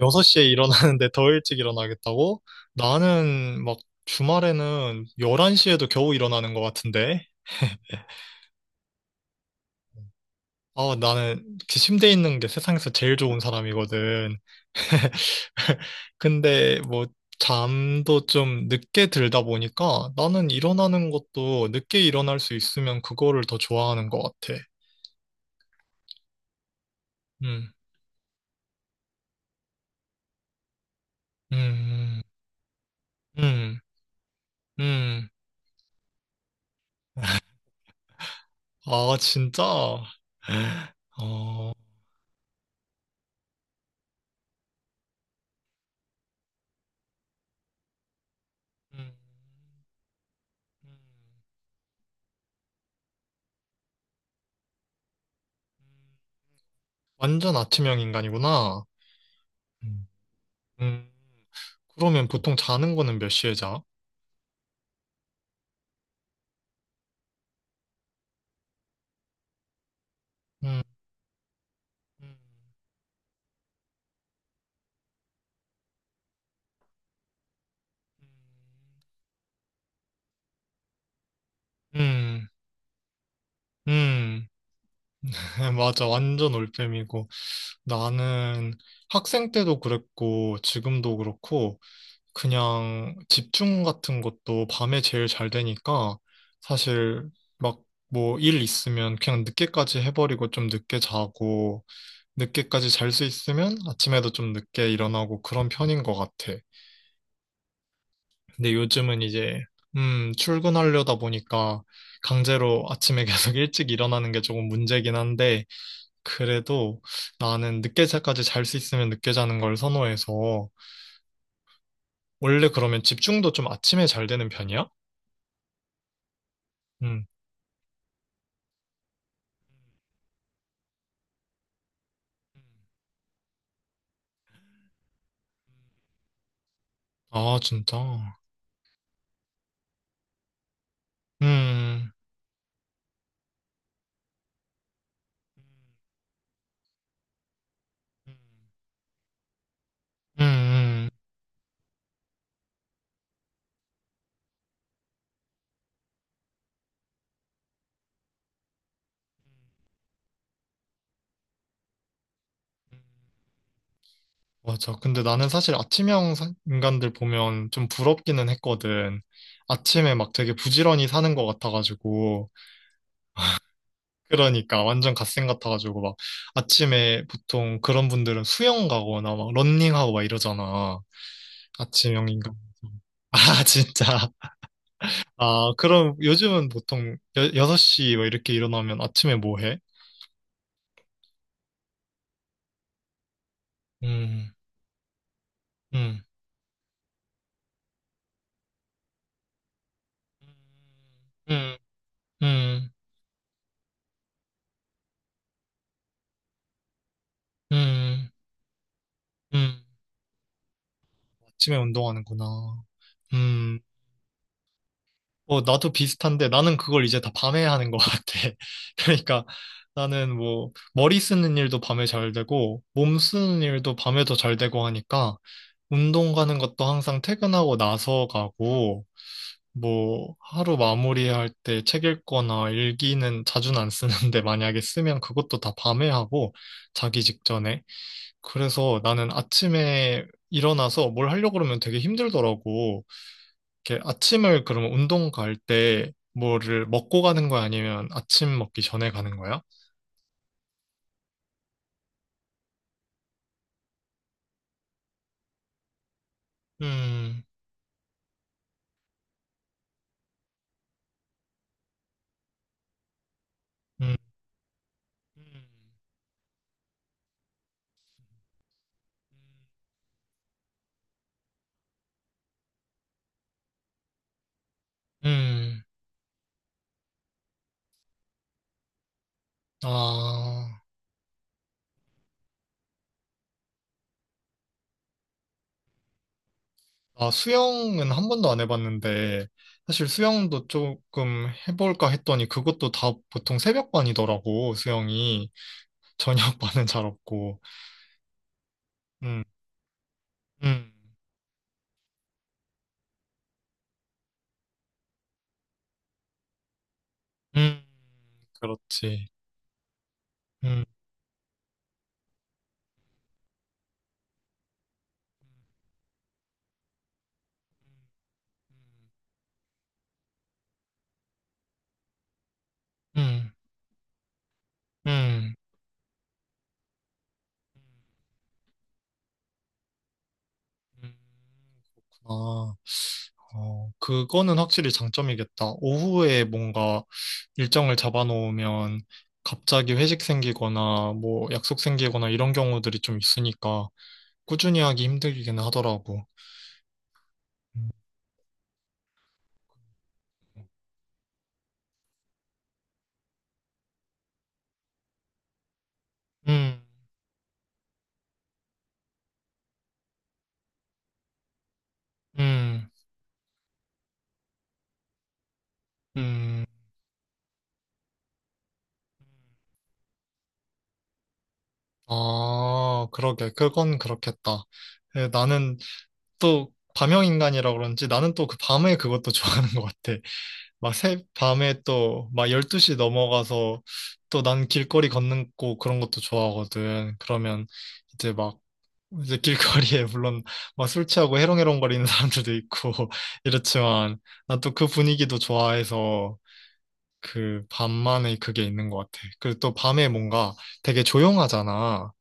6시에 일어나는데 더 일찍 일어나겠다고? 나는 주말에는 11시에도 겨우 일어나는 것 같은데. 아, 나는 그 침대에 있는 게 세상에서 제일 좋은 사람이거든. 근데 뭐 잠도 좀 늦게 들다 보니까 나는 일어나는 것도 늦게 일어날 수 있으면 그거를 더 좋아하는 것 같아. 음, 음, 음, 음. 음. 아, 진짜? 음, 음. 음. 완전 아침형 인간이구나. 음, 음. 그러면 보통 자는 거는 몇 시에 자? 음, 음, 음. 음. 맞아, 완전 올빼미고. 나는 학생 때도 그랬고 지금도 그렇고 그냥 집중 같은 것도 밤에 제일 잘 되니까 사실 막 뭐 일 있으면 그냥 늦게까지 해버리고 좀 늦게 자고 늦게까지 잘 수 있으면 아침에도 좀 늦게 일어나고 그런 편인 것 같아. 근데 요즘은 이제 출근하려다 보니까 강제로 아침에 계속 일찍 일어나는 게 조금 문제긴 한데 그래도 나는 늦게 자까지 잘 수 있으면 늦게 자는 걸 선호해서 원래 그러면 집중도 좀 아침에 잘 되는 편이야? 음. 아, 진짜. 음. 음, 음. 맞아. 근데 나는 사실 인간들 보면 좀 부럽기는 했거든. 아침에 막 되게 부지런히 사는 것 같아가지고. 그러니까 완전 갓생 같아가지고, 아침에 보통 그런 분들은 수영 가거나 막 런닝하고 막 이러잖아. 아침형 인간. 아, 진짜. 아, 그럼 요즘은 보통 6시 뭐 이렇게 일어나면 아침에 뭐 해? 음, 음, 음, 음, 음, 음. 아침에 운동하는구나. 음, 어, 나도 비슷한데 나는 그걸 이제 다 밤에 하는 것 같아. 그러니까 나는 뭐 머리 쓰는 일도 밤에 잘 되고 몸 쓰는 일도 밤에 더 잘 되고 하니까 운동 가는 것도 항상 퇴근하고 나서 가고 뭐, 하루 마무리할 때 책 읽거나 일기는 자주는 안 쓰는데 만약에 쓰면 그것도 다 밤에 하고 자기 직전에. 그래서 나는 아침에 일어나서 뭘 하려고 그러면 되게 힘들더라고. 이렇게 아침을 그러면 운동 갈 때 뭐를 먹고 가는 거야? 아니면 아침 먹기 전에 가는 거야? 음, 음, 음, 음, 아. 아, 수영은 한 번도 안 해봤는데, 사실 수영도 조금 해볼까 했더니 그것도 다 보통 새벽반이더라고, 수영이. 저녁반은 잘 없고. 음, 음, 음, 그렇지. 음, 음, 음, 음, 그렇구나. 어, 그거는 확실히 장점이겠다. 오후에 뭔가 일정을 잡아놓으면 갑자기 회식 생기거나 뭐 약속 생기거나 이런 경우들이 좀 있으니까 꾸준히 하기 힘들기는 하더라고. 음, 음, 음, 음. 아, 그러게. 그건 그렇겠다. 예, 나는 또 밤형인간이라 그런지 나는 또 그 밤에 그것도 좋아하는 것 같아. 밤에 또 12시 넘어가서 또 난 길거리 걷는 거 그런 것도 좋아하거든. 그러면 이제 막 이제 길거리에 물론 막 술 취하고 해롱해롱거리는 사람들도 있고 이렇지만 난 또 그 분위기도 좋아해서 그 밤만의 그게 있는 것 같아. 그리고 또 밤에 뭔가 되게 조용하잖아.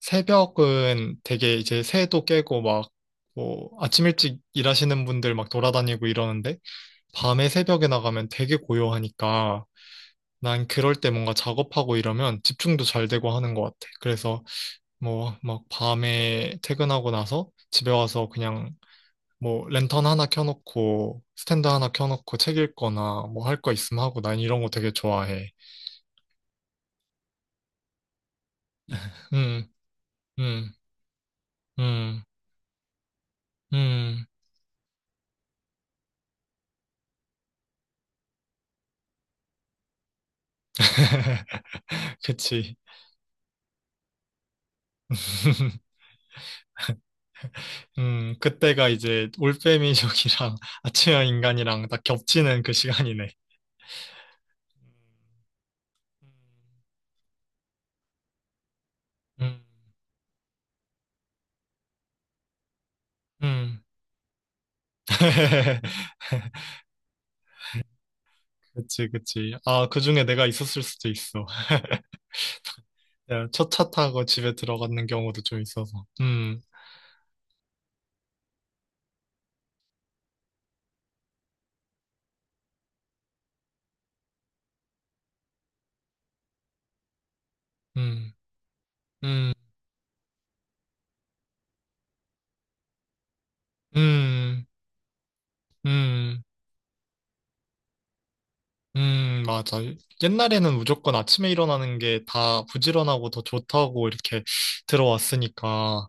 새벽은 되게 이제 새도 깨고 막 뭐 아침 일찍 일하시는 분들 막 돌아다니고 이러는데 밤에 새벽에 나가면 되게 고요하니까 난 그럴 때 뭔가 작업하고 이러면 집중도 잘 되고 하는 것 같아. 그래서 뭐 막 밤에 퇴근하고 나서 집에 와서 그냥 뭐 랜턴 하나 켜놓고 스탠드 하나 켜놓고 책 읽거나 뭐 할 거 있으면 하고 난 이런 거 되게 좋아해. 음, 음, 음, 음. 그치. 그때가 이제 올빼미족이랑 아침형 인간이랑 딱 겹치는 그 시간이네. 음, 음. 그치, 그치. 아, 그 중에 내가 있었을 수도 있어. 첫 차 타고 집에 들어가는 경우도 좀 있어서. 음, 음, 음, 음. 맞아. 옛날에는 무조건 아침에 일어나는 게 다 부지런하고 더 좋다고 이렇게 들어왔으니까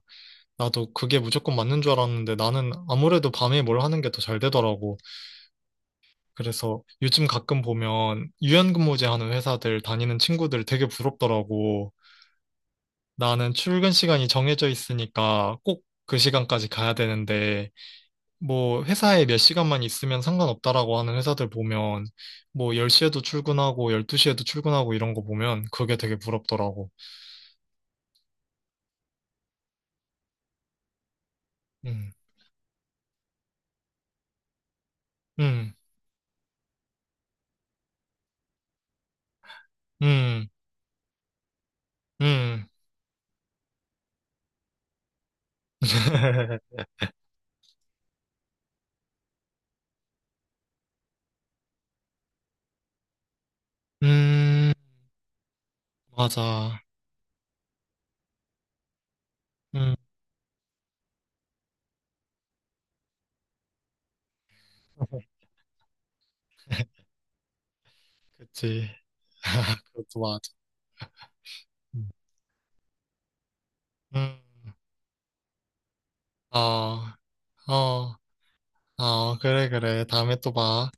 나도 그게 무조건 맞는 줄 알았는데 나는 아무래도 밤에 뭘 하는 게 더 잘 되더라고. 그래서 요즘 가끔 보면 유연근무제 하는 회사들 다니는 친구들 되게 부럽더라고. 나는 출근 시간이 정해져 있으니까 꼭 그 시간까지 가야 되는데 뭐 회사에 몇 시간만 있으면 상관없다라고 하는 회사들 보면 뭐 10시에도 출근하고 12시에도 출근하고 이런 거 보면 그게 되게 부럽더라고. 음. 음. 음. 음. 음. 맞아. 음. 그치. 그것도 맞아. 음. 음. 어. 어. 어. 그래 그래. 다음에 또 봐.